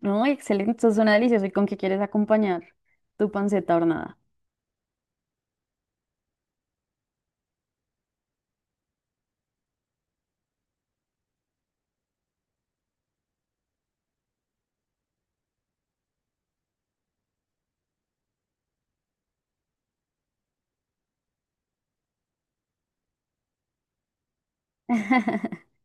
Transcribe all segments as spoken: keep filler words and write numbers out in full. No, excelente, esto suena delicioso. ¿Y con qué quieres acompañar tu panceta hornada?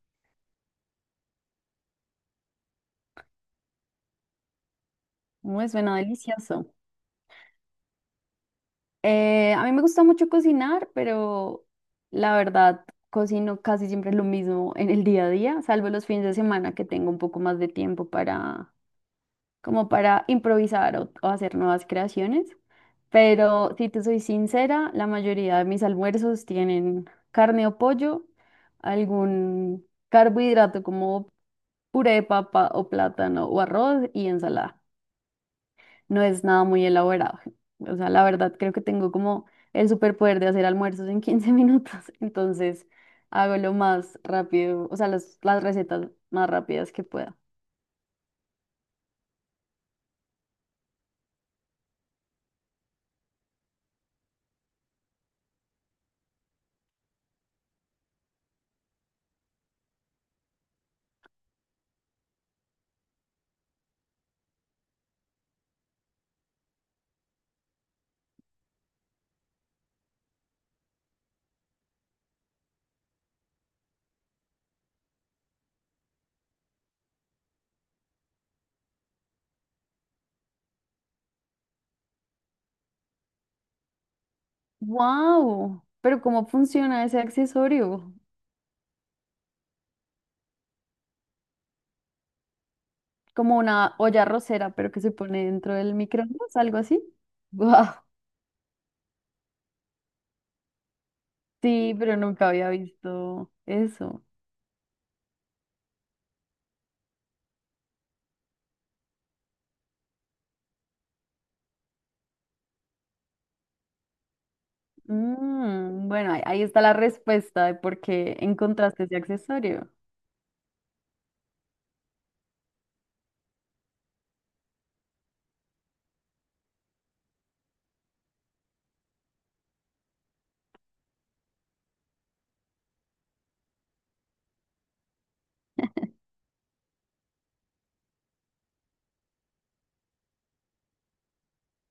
Muy suena delicioso. Eh, a mí me gusta mucho cocinar, pero la verdad cocino casi siempre lo mismo en el día a día, salvo los fines de semana que tengo un poco más de tiempo para, como para improvisar o, o hacer nuevas creaciones. Pero si te soy sincera, la mayoría de mis almuerzos tienen carne o pollo, algún carbohidrato como puré de papa o plátano o arroz y ensalada. No es nada muy elaborado. O sea, la verdad creo que tengo como el superpoder de hacer almuerzos en quince minutos, entonces hago lo más rápido, o sea, las, las recetas más rápidas que pueda. ¡Wow! Pero ¿cómo funciona ese accesorio? Como una olla arrocera, pero que se pone dentro del microondas, algo así. ¡Wow! Sí, pero nunca había visto eso. Mm, bueno, ahí, ahí está la respuesta de por qué encontraste ese accesorio.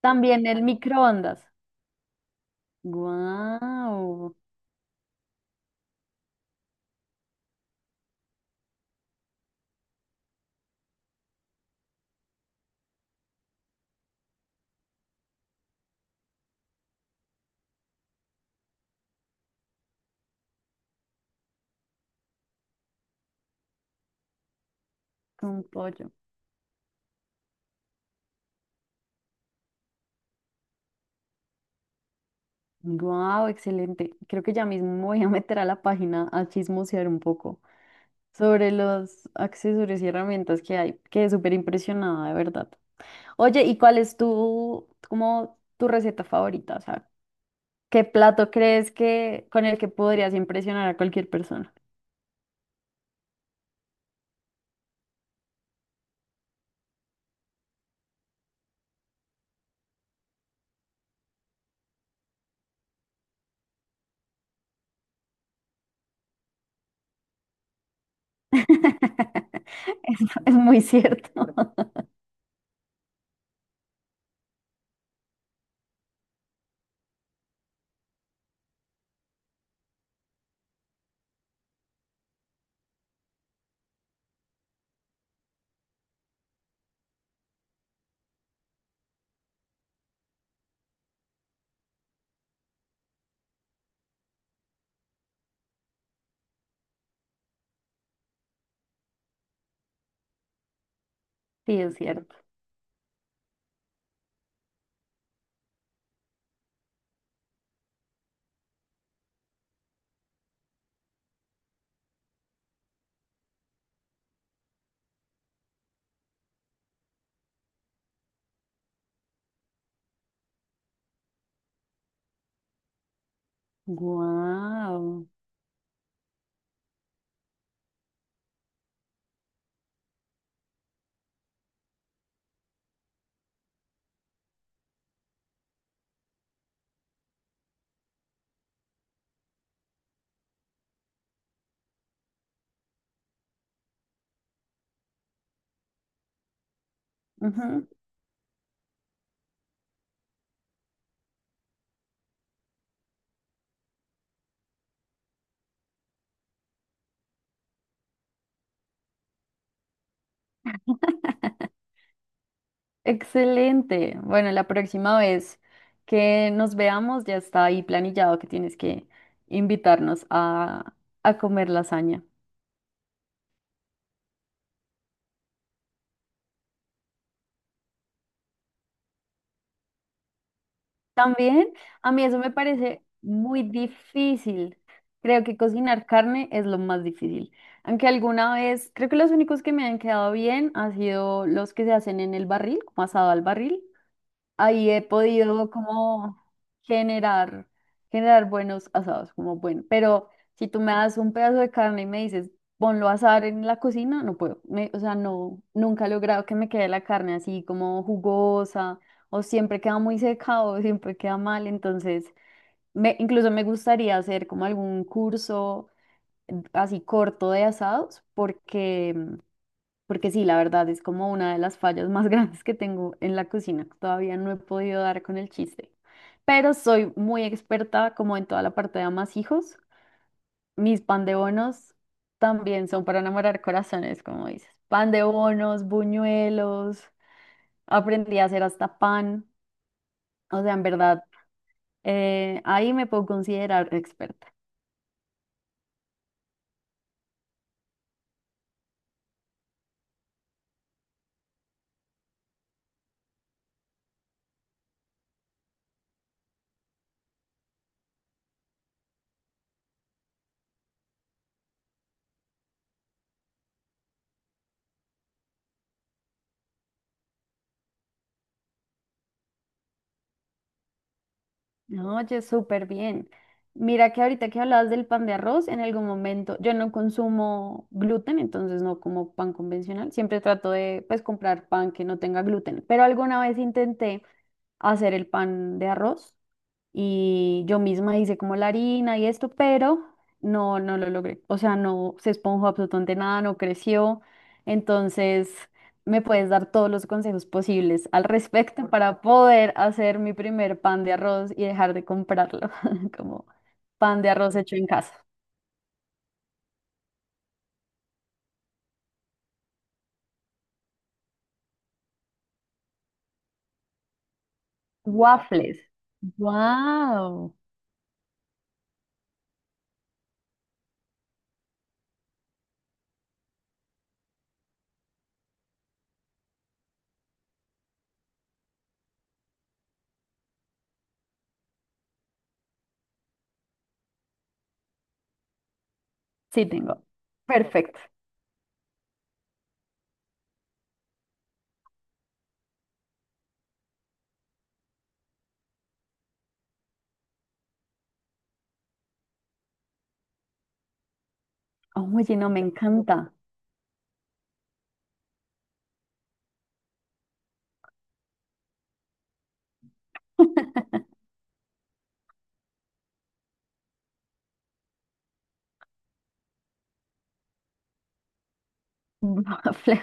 También el microondas. Guau, con pollo. Guau, excelente. Creo que ya mismo me voy a meter a la página a chismosear un poco sobre los accesorios y herramientas que hay. Quedé súper impresionada, de verdad. Oye, ¿y cuál es tu, como, tu receta favorita? O sea, ¿qué plato crees que con el que podrías impresionar a cualquier persona? Es, es muy cierto. Sí, es cierto. Wow. Excelente. Bueno, la próxima vez que nos veamos ya está ahí planillado que tienes que invitarnos a, a comer lasaña. También a mí eso me parece muy difícil. Creo que cocinar carne es lo más difícil. Aunque alguna vez, creo que los únicos que me han quedado bien han sido los que se hacen en el barril, como asado al barril. Ahí he podido como generar, generar buenos asados, como bueno, pero si tú me das un pedazo de carne y me dices, ponlo a asar en la cocina, no puedo, me- o sea, no, nunca he logrado que me quede la carne así como jugosa, o siempre queda muy seca, o siempre queda mal, entonces, me, incluso me gustaría hacer como algún curso eh, así corto de asados, porque porque sí, la verdad es como una de las fallas más grandes que tengo en la cocina. Todavía no he podido dar con el chiste. Pero soy muy experta como en toda la parte de amasijos. Mis pan de bonos también son para enamorar corazones, como dices. Pan de bonos, buñuelos. Aprendí a hacer hasta pan. O sea, en verdad, eh, ahí me puedo considerar experta. No, oye, súper bien. Mira que ahorita que hablabas del pan de arroz, en algún momento yo no consumo gluten, entonces no como pan convencional. Siempre trato de pues comprar pan que no tenga gluten, pero alguna vez intenté hacer el pan de arroz y yo misma hice como la harina y esto, pero no, no lo logré. O sea, no se esponjó absolutamente nada, no creció. Entonces, me puedes dar todos los consejos posibles al respecto para poder hacer mi primer pan de arroz y dejar de comprarlo como pan de arroz hecho en casa. Waffles. Wow. Sí, tengo. Perfecto. Oye, no, me encanta. Fle-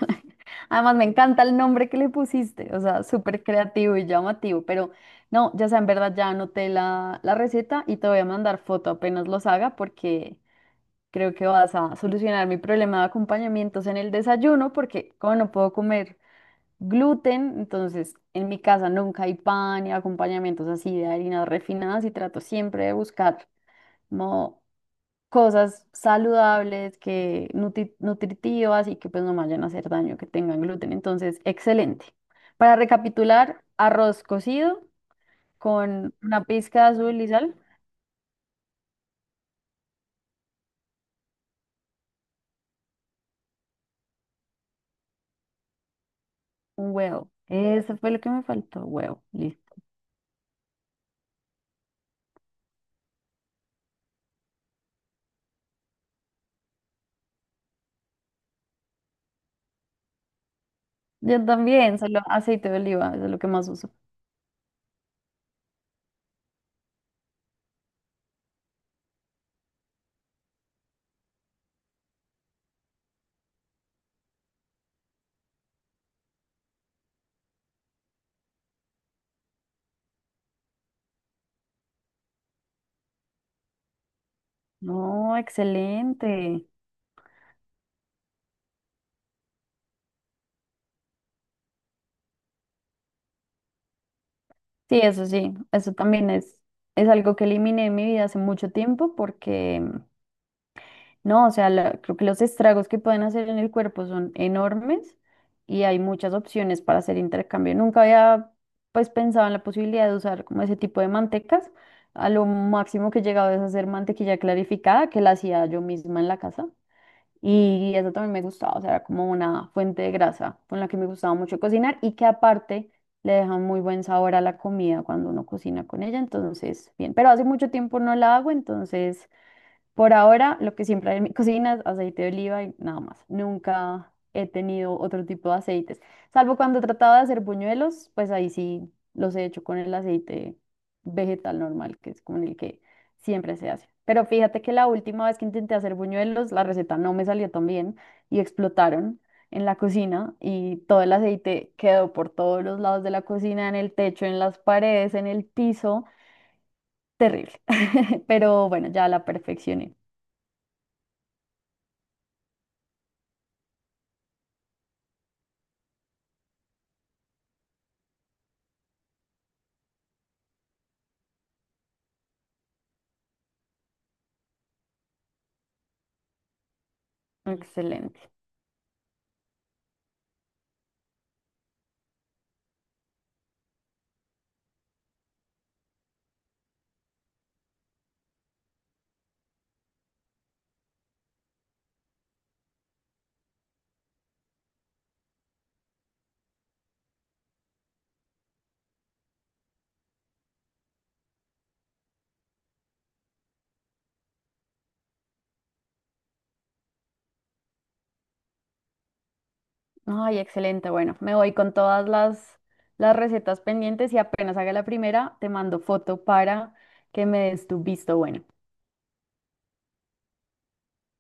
Además, me encanta el nombre que le pusiste, o sea, súper creativo y llamativo, pero no, ya sea, en verdad ya anoté la, la receta y te voy a mandar foto apenas los haga porque creo que vas a solucionar mi problema de acompañamientos en el desayuno porque como no puedo comer gluten, entonces en mi casa nunca hay pan ni acompañamientos así de harinas refinadas y trato siempre de buscar como cosas saludables, que nutri- nutritivas y que pues no vayan a hacer daño, que tengan gluten. Entonces, excelente. Para recapitular, arroz cocido con una pizca de azul y sal, un huevo. Eso fue lo que me faltó, huevo, listo. Yo también, solo aceite de oliva, eso es lo que más uso. No, excelente. Sí, eso sí, eso también es, es algo que eliminé de mi vida hace mucho tiempo porque no, o sea, la- creo que los estragos que pueden hacer en el cuerpo son enormes y hay muchas opciones para hacer intercambio. Nunca había pues pensado en la posibilidad de usar como ese tipo de mantecas. A lo máximo que he llegado es hacer mantequilla clarificada, que la hacía yo misma en la casa. Y eso también me gustaba, o sea, era como una fuente de grasa con la que me gustaba mucho cocinar y que aparte le deja muy buen sabor a la comida cuando uno cocina con ella. Entonces, bien, pero hace mucho tiempo no la hago, entonces... Por ahora, lo que siempre hay en mi cocina es aceite de oliva y nada más. Nunca he tenido otro tipo de aceites, salvo cuando he tratado de hacer buñuelos, pues ahí sí los he hecho con el aceite vegetal normal, que es con el que siempre se hace. Pero fíjate que la última vez que intenté hacer buñuelos, la receta no me salió tan bien y explotaron en la cocina y todo el aceite quedó por todos los lados de la cocina, en el techo, en las paredes, en el piso. Terrible. Pero bueno, ya la perfeccioné. Excelente. Ay, excelente. Bueno, me voy con todas las, las recetas pendientes y apenas haga la primera, te mando foto para que me des tu visto bueno.